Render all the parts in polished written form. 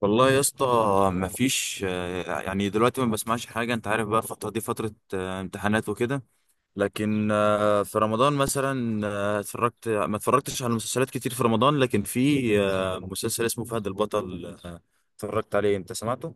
والله يا اسطى، مفيش. يعني دلوقتي ما بسمعش حاجة. انت عارف بقى الفترة دي فترة امتحانات وكده. لكن في رمضان مثلا ما اتفرجتش على مسلسلات كتير في رمضان، لكن في مسلسل اسمه فهد البطل، اتفرجت عليه. انت سمعته؟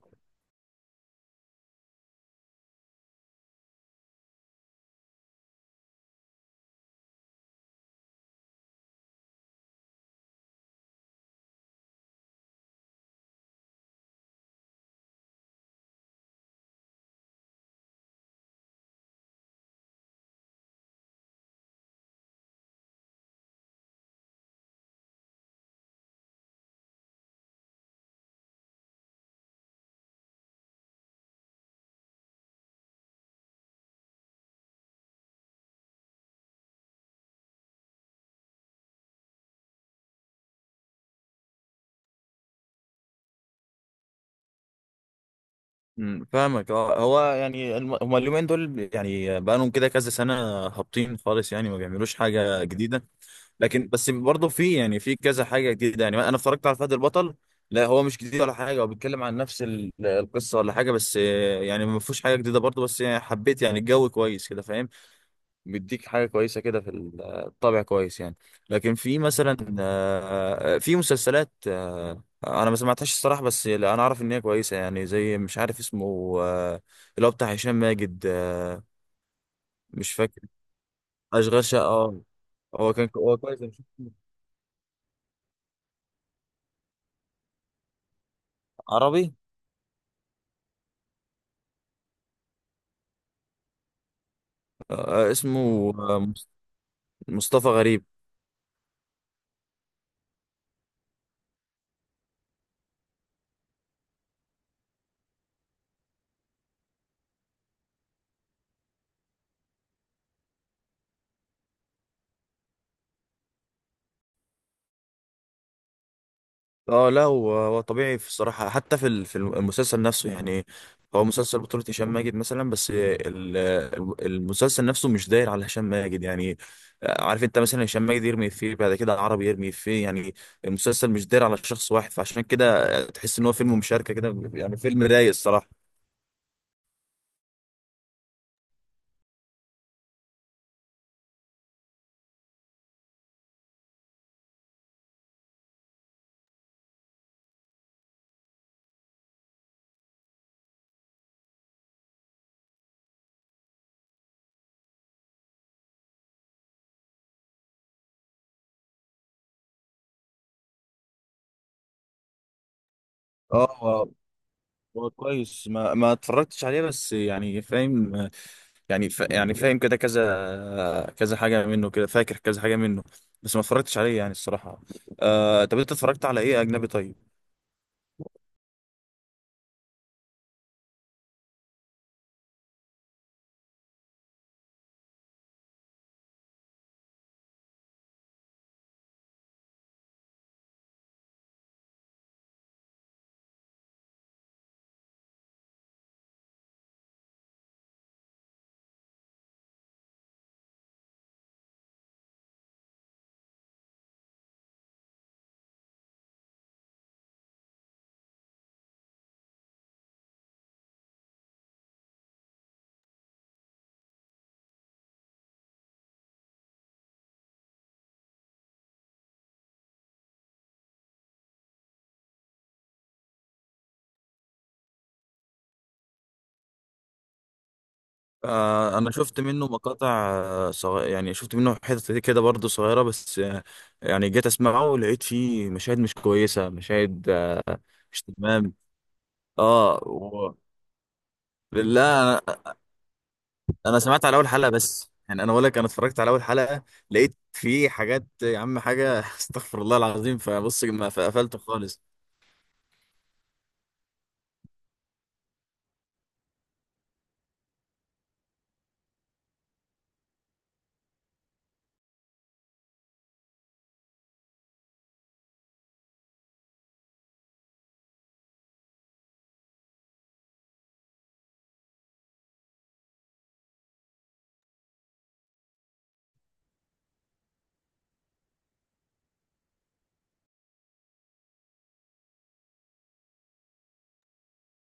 مم، فاهمك. اه، هو يعني هما اليومين دول، يعني بقالهم كده كذا سنة هابطين خالص، يعني ما بيعملوش حاجة جديدة. لكن بس برضه في كذا حاجه جديده. يعني انا اتفرجت على فهد البطل. لا، هو مش جديد ولا حاجه، هو بيتكلم عن نفس القصه ولا حاجه، بس يعني ما فيهوش حاجه جديده برضه، بس يعني حبيت، يعني الجو كويس كده فاهم. بيديك حاجه كويسه كده في الطابع كويس يعني. لكن في مثلا في مسلسلات، انا ما سمعتهاش الصراحه، بس لا، انا اعرف ان هي كويسه، يعني زي مش عارف اسمه، اللي هو بتاع هشام ماجد. مش فاكر. اشغال شقه. هو كويس، أنا شفته. عربي. اسمه مصطفى غريب. اه، لا هو طبيعي في الصراحه، حتى في المسلسل نفسه يعني. هو مسلسل بطولة هشام ماجد مثلا، بس المسلسل نفسه مش داير على هشام ماجد يعني. عارف انت مثلا هشام ماجد يرمي فيه بعد كده، عربي يرمي فيه يعني. المسلسل مش داير على شخص واحد، فعشان كده تحس ان هو فيلم مشاركة كده، يعني فيلم رايق الصراحة. اه، هو كويس، ما اتفرجتش عليه بس يعني فاهم. يعني فاهم كده كذا كذا حاجة منه، كده فاكر كذا حاجة منه، بس ما اتفرجتش عليه يعني الصراحة. طب انت اتفرجت على ايه اجنبي طيب؟ انا شفت منه مقاطع. يعني شفت منه حتت كده برضه صغيرة، بس يعني جيت اسمعه لقيت فيه مشاهد مش كويسة، مشاهد مش تمام. اه، لا، انا سمعت على اول حلقه، بس يعني انا بقول لك انا اتفرجت على اول حلقه، لقيت في حاجات يا عم، حاجه استغفر الله العظيم، فبص ما فقفلت خالص.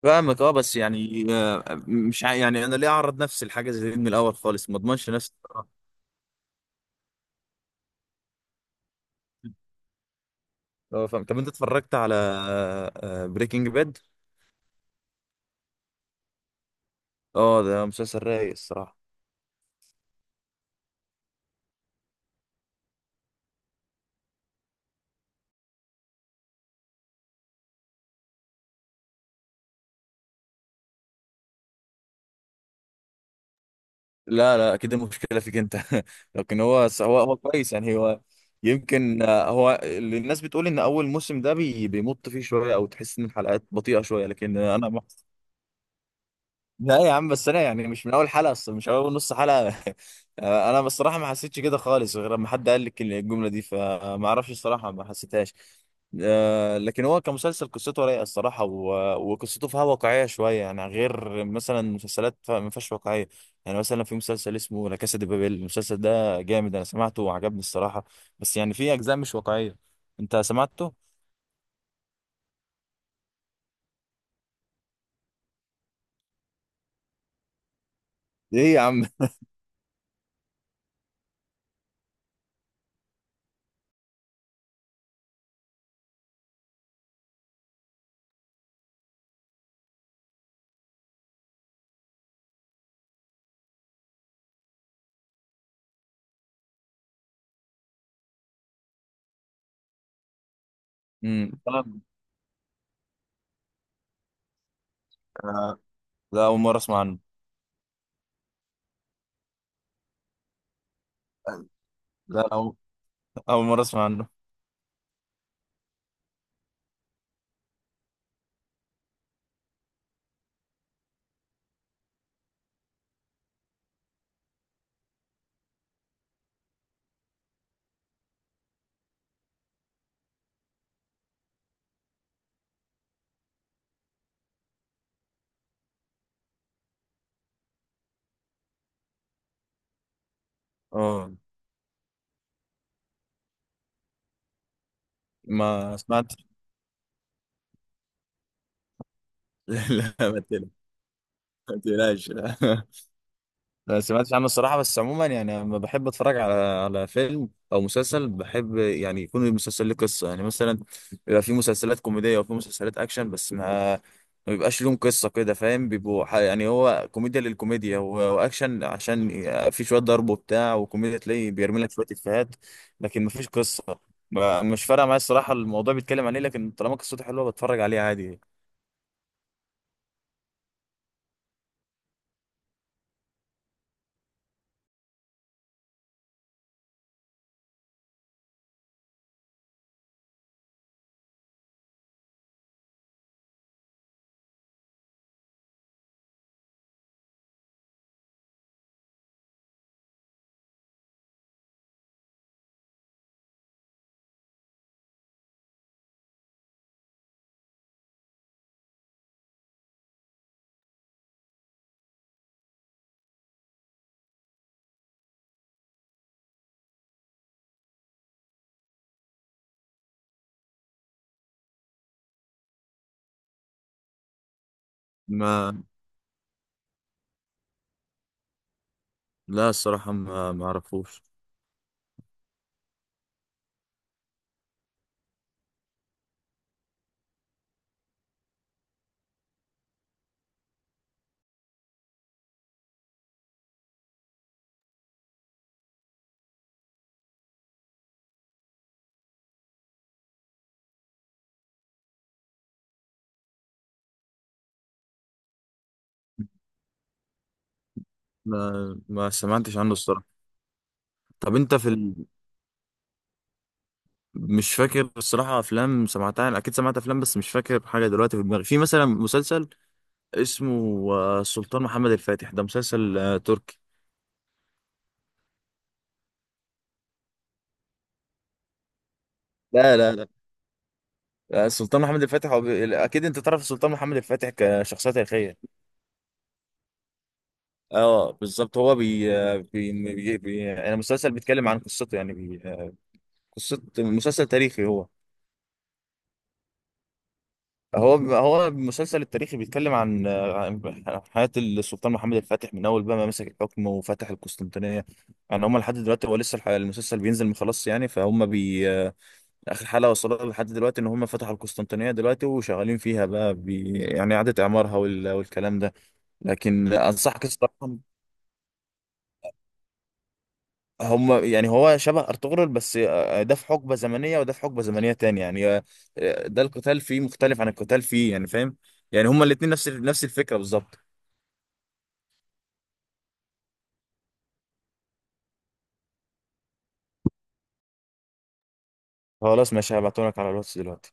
فاهمك. اه، بس يعني مش يعني انا ليه اعرض نفسي لحاجه زي دي من الاول خالص، ما اضمنش نفسي. اه، فاهم. طب انت اتفرجت على بريكنج باد؟ اه، Breaking Bad؟ ده مسلسل رايق الصراحه. لا، لا، كده مشكلة فيك انت لكن هو كويس يعني هو. يمكن هو اللي الناس بتقول ان اول موسم ده بيمط فيه شوية، او تحس ان الحلقات بطيئة شوية، لكن انا لا يا عم، بس انا يعني مش من اول حلقه اصلا، مش اول نص حلقه انا بصراحه ما حسيتش كده خالص، غير لما حد قال لك الجمله دي، فما اعرفش الصراحه، ما حسيتهاش. لكن هو كمسلسل قصته رايقه الصراحه، وقصته فيها واقعيه شويه، يعني غير مثلا مسلسلات ما فيهاش واقعيه. يعني مثلا في مسلسل اسمه لا كاسا دي بابيل، المسلسل ده جامد، انا سمعته وعجبني الصراحه. بس يعني في اجزاء مش واقعيه. انت سمعته؟ ايه يا عم. امم لا، اول مره اسمع عنه. لا، أول مرة أسمع عنه. اه، ما سمعت. لا، ما تقلقش لا. ما سمعتش عنه الصراحة، بس عموما يعني لما بحب اتفرج على فيلم او مسلسل، بحب يعني يكون المسلسل ليه قصة. يعني مثلا بيبقى في مسلسلات كوميدية وفي مسلسلات اكشن، بس ما بيبقاش لهم قصة كده فاهم. بيبقوا يعني هو كوميديا للكوميديا، واكشن عشان في شوية ضرب وبتاع، وكوميديا تلاقي بيرمي لك شوية افيهات، لكن ما فيش قصة. مش فارقة معايا الصراحة، الموضوع بيتكلم عليه، لكن طالما قصته حلوة بتفرج عليه عادي. ما لا الصراحة ما اعرفوش. ما سمعتش عنه الصراحة. طب انت مش فاكر الصراحة افلام سمعتها، يعني اكيد سمعت افلام بس مش فاكر حاجة دلوقتي في دماغي. في مثلا مسلسل اسمه السلطان محمد الفاتح، ده مسلسل تركي. لا، لا، لا، السلطان محمد الفاتح اكيد انت تعرف السلطان محمد الفاتح كشخصية تاريخية. اه، بالظبط، هو بي... آه، بي... بي... بي... انا مسلسل بيتكلم عن قصته، يعني بي... آه، قصة مسلسل تاريخي هو. المسلسل التاريخي بيتكلم عن حياة السلطان محمد الفاتح، من أول بقى ما مسك الحكم وفتح القسطنطينية. يعني هم لحد دلوقتي هو لسه المسلسل بينزل مخلص يعني، فهم آخر حلقة وصلوا لحد دلوقتي إن هم فتحوا القسطنطينية دلوقتي، وشغالين فيها بقى يعني إعادة إعمارها والكلام ده، لكن أنصحك الصراحة. هم يعني هو شبه أرطغرل، بس ده في حقبة زمنية وده في حقبة زمنية تانية يعني. ده القتال فيه مختلف عن القتال فيه، يعني فاهم، يعني هما الاتنين نفس الفكرة بالظبط. خلاص ماشي، هبعتهم لك على الواتس دلوقتي.